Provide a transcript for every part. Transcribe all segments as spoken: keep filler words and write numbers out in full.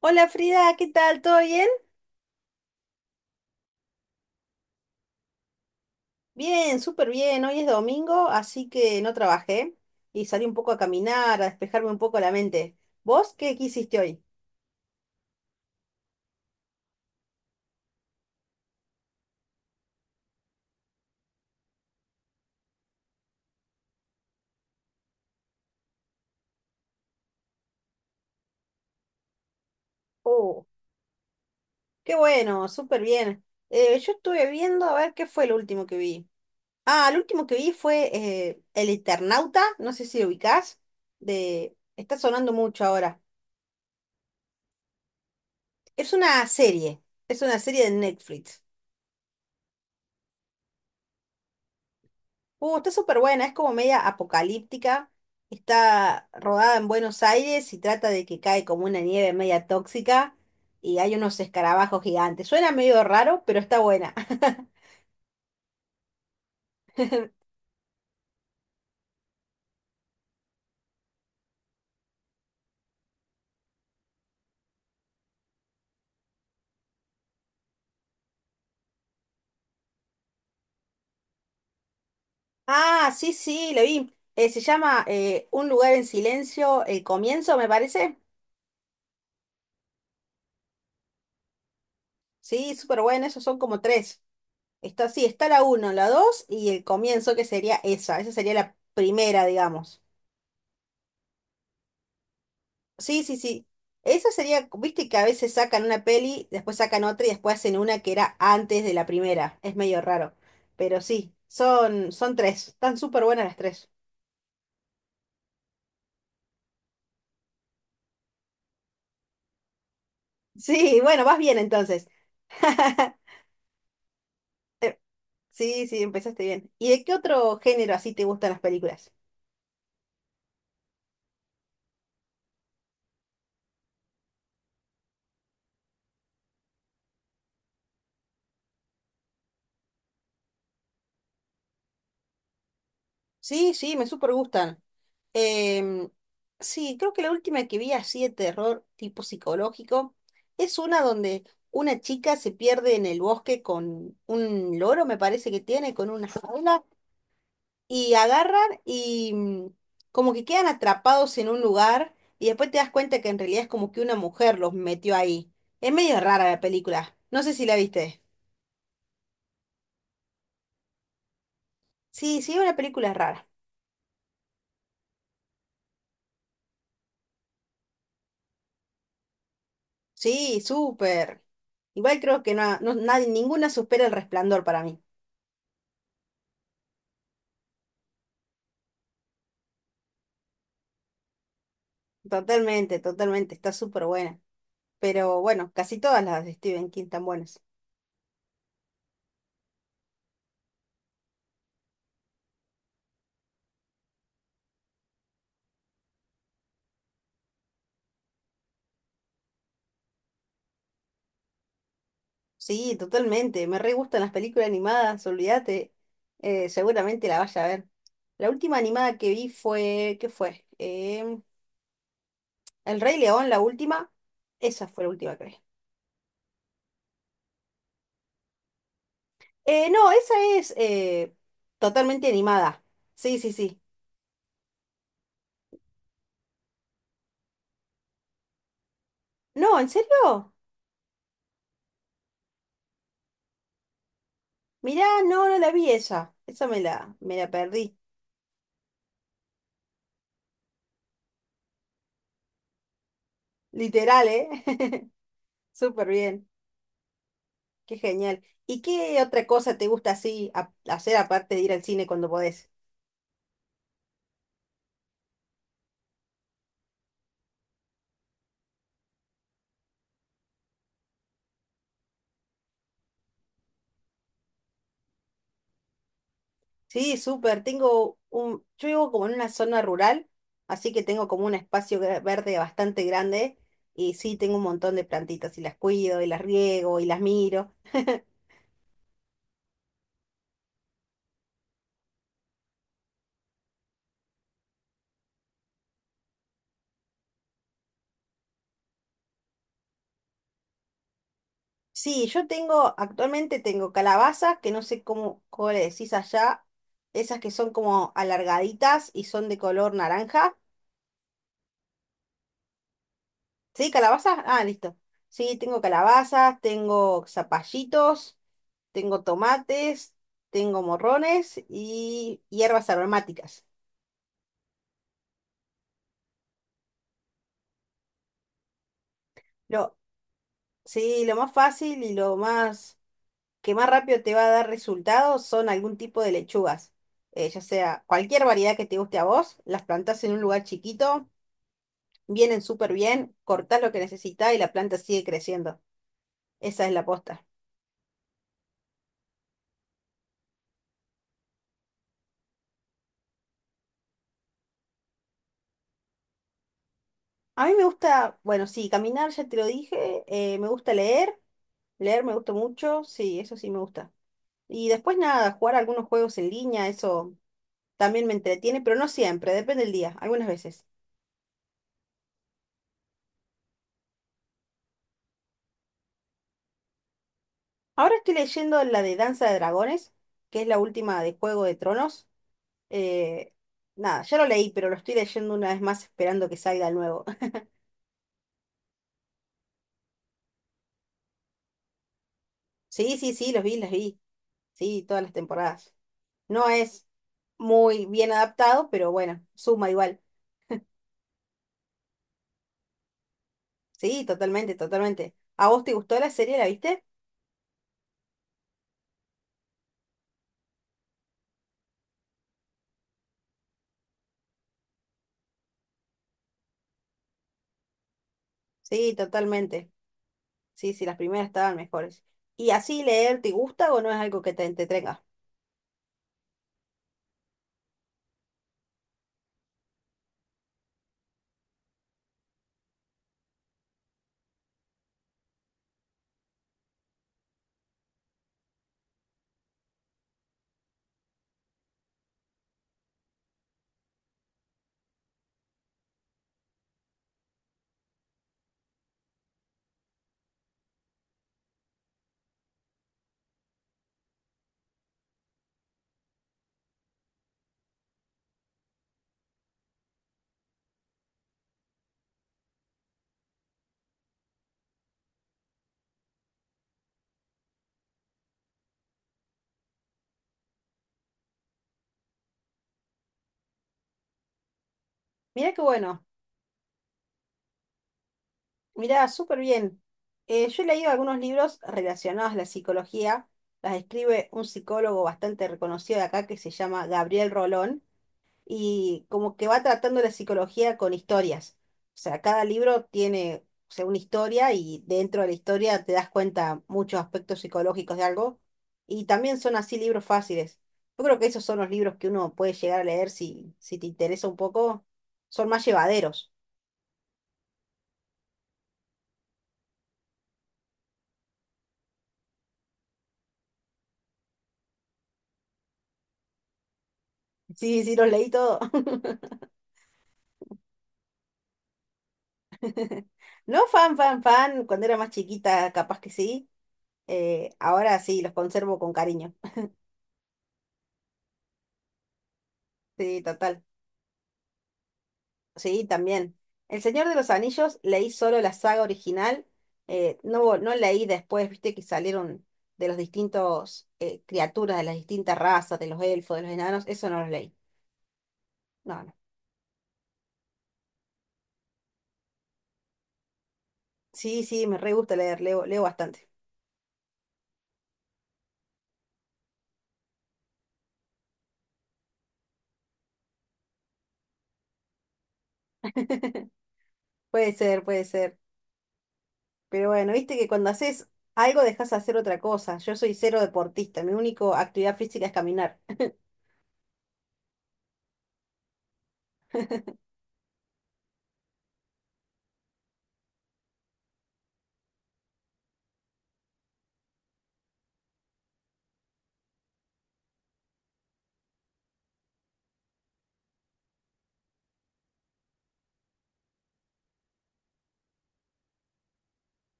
Hola Frida, ¿qué tal? ¿Todo bien? Bien, súper bien. Hoy es domingo, así que no trabajé y salí un poco a caminar, a despejarme un poco la mente. ¿Vos qué, qué hiciste hoy? Oh, qué bueno, súper bien. Eh, yo estuve viendo a ver qué fue lo último que vi. Ah, lo último que vi fue eh, El Eternauta, no sé si lo ubicás, de... está sonando mucho ahora. Es una serie, es una serie de Netflix. Uh, está súper buena, es como media apocalíptica. Está rodada en Buenos Aires y trata de que cae como una nieve media tóxica y hay unos escarabajos gigantes. Suena medio raro, pero está buena. Ah, sí, sí, lo vi. Eh, se llama eh, Un lugar en silencio, el comienzo, me parece. Sí, súper buena, esos son como tres. Está, sí, está la uno, la dos y el comienzo, que sería esa. Esa sería la primera, digamos. Sí, sí, sí. Eso sería, viste que a veces sacan una peli, después sacan otra y después hacen una que era antes de la primera. Es medio raro. Pero sí, son, son tres. Están súper buenas las tres. Sí, bueno, vas bien entonces. Eh, Sí, sí, empezaste bien. ¿Y de qué otro género así te gustan las películas? Sí, sí, me súper gustan. Em, sí, creo que la última que vi así de terror tipo psicológico es una donde una chica se pierde en el bosque con un loro, me parece que tiene, con una jaula, y agarran y mm, como que quedan atrapados en un lugar y después te das cuenta que en realidad es como que una mujer los metió ahí. Es medio rara la película. No sé si la viste. Sí, sí, una película rara. Sí, súper. Igual creo que no, no- nadie, ninguna supera el resplandor para mí. Totalmente, totalmente, está súper buena. Pero bueno, casi todas las de Stephen King están buenas. Sí, totalmente, me re gustan las películas animadas, olvídate. Eh, seguramente la vaya a ver. La última animada que vi fue, ¿qué fue? Em, El Rey León, la última. Esa fue la última, creo. Eh, no, esa es eh, totalmente animada. Sí, sí, sí. No, ¿en serio? Mirá, no, no la vi esa. Esa me la, me la perdí. Literal, ¿eh? Súper bien. Qué genial. ¿Y qué otra cosa te gusta así a- hacer aparte de ir al cine cuando podés? Sí, súper. Tengo un... Yo vivo como en una zona rural, así que tengo como un espacio gra- verde bastante grande. Y sí, tengo un montón de plantitas y las cuido y las riego y las miro. Sí, yo tengo, actualmente tengo calabazas, que no sé cómo, cómo le decís allá, esas que son como alargaditas y son de color naranja. ¿Sí, calabazas? Ah, listo. Sí, tengo calabazas, tengo zapallitos, tengo tomates, tengo morrones y hierbas aromáticas. Lo, sí, lo más fácil y lo más que más rápido te va a dar resultados son algún tipo de lechugas. Eh, ya sea cualquier variedad que te guste a vos, las plantás en un lugar chiquito, vienen súper bien, cortás lo que necesitas y la planta sigue creciendo. Esa es la posta. A mí me gusta, bueno, sí, caminar, ya te lo dije, eh, me gusta leer, leer me gusta mucho, sí, eso sí me gusta. Y después nada, jugar algunos juegos en línea, eso también me entretiene, pero no siempre, depende del día, algunas veces. Ahora estoy leyendo la de Danza de Dragones, que es la última de Juego de Tronos. eh, Nada, ya lo leí, pero lo estoy leyendo una vez más esperando que salga el nuevo. Sí, sí, sí, los vi, los vi. Sí, todas las temporadas. No es muy bien adaptado, pero bueno, suma igual. Sí, totalmente, totalmente. ¿A vos te gustó la serie? ¿La viste? Sí, totalmente. Sí, sí, las primeras estaban mejores. ¿Y así leer te gusta o no es algo que te entretenga? Mira qué bueno, mira súper bien. Eh, yo he leído algunos libros relacionados a la psicología. Las escribe un psicólogo bastante reconocido de acá que se llama Gabriel Rolón. Y como que va tratando la psicología con historias. O sea, cada libro tiene, o sea, una historia y dentro de la historia te das cuenta muchos aspectos psicológicos de algo. Y también son así libros fáciles. Yo creo que esos son los libros que uno puede llegar a leer si, si te interesa un poco. Son más llevaderos. Sí, sí, los leí todo. No fan, fan, fan. Cuando era más chiquita, capaz que sí. Eh, ahora sí, los conservo con cariño. Sí, total. Sí, también. El Señor de los Anillos leí solo la saga original, eh, no, vol- no leí después, viste que salieron de los distintos eh, criaturas, de las distintas razas, de los elfos, de los enanos, eso no lo leí. No, no. Sí, sí, me re gusta leer, leo, leo bastante. Puede ser, puede ser. Pero bueno, viste que cuando haces algo dejas de hacer otra cosa. Yo soy cero deportista, mi única actividad física es caminar.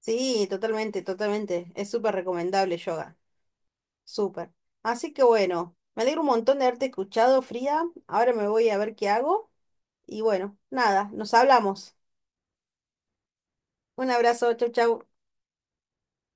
Sí, totalmente, totalmente. Es súper recomendable yoga. Súper. Así que bueno, me alegro un montón de haberte escuchado, Frida. Ahora me voy a ver qué hago. Y bueno, nada, nos hablamos. Un abrazo, chau, chau.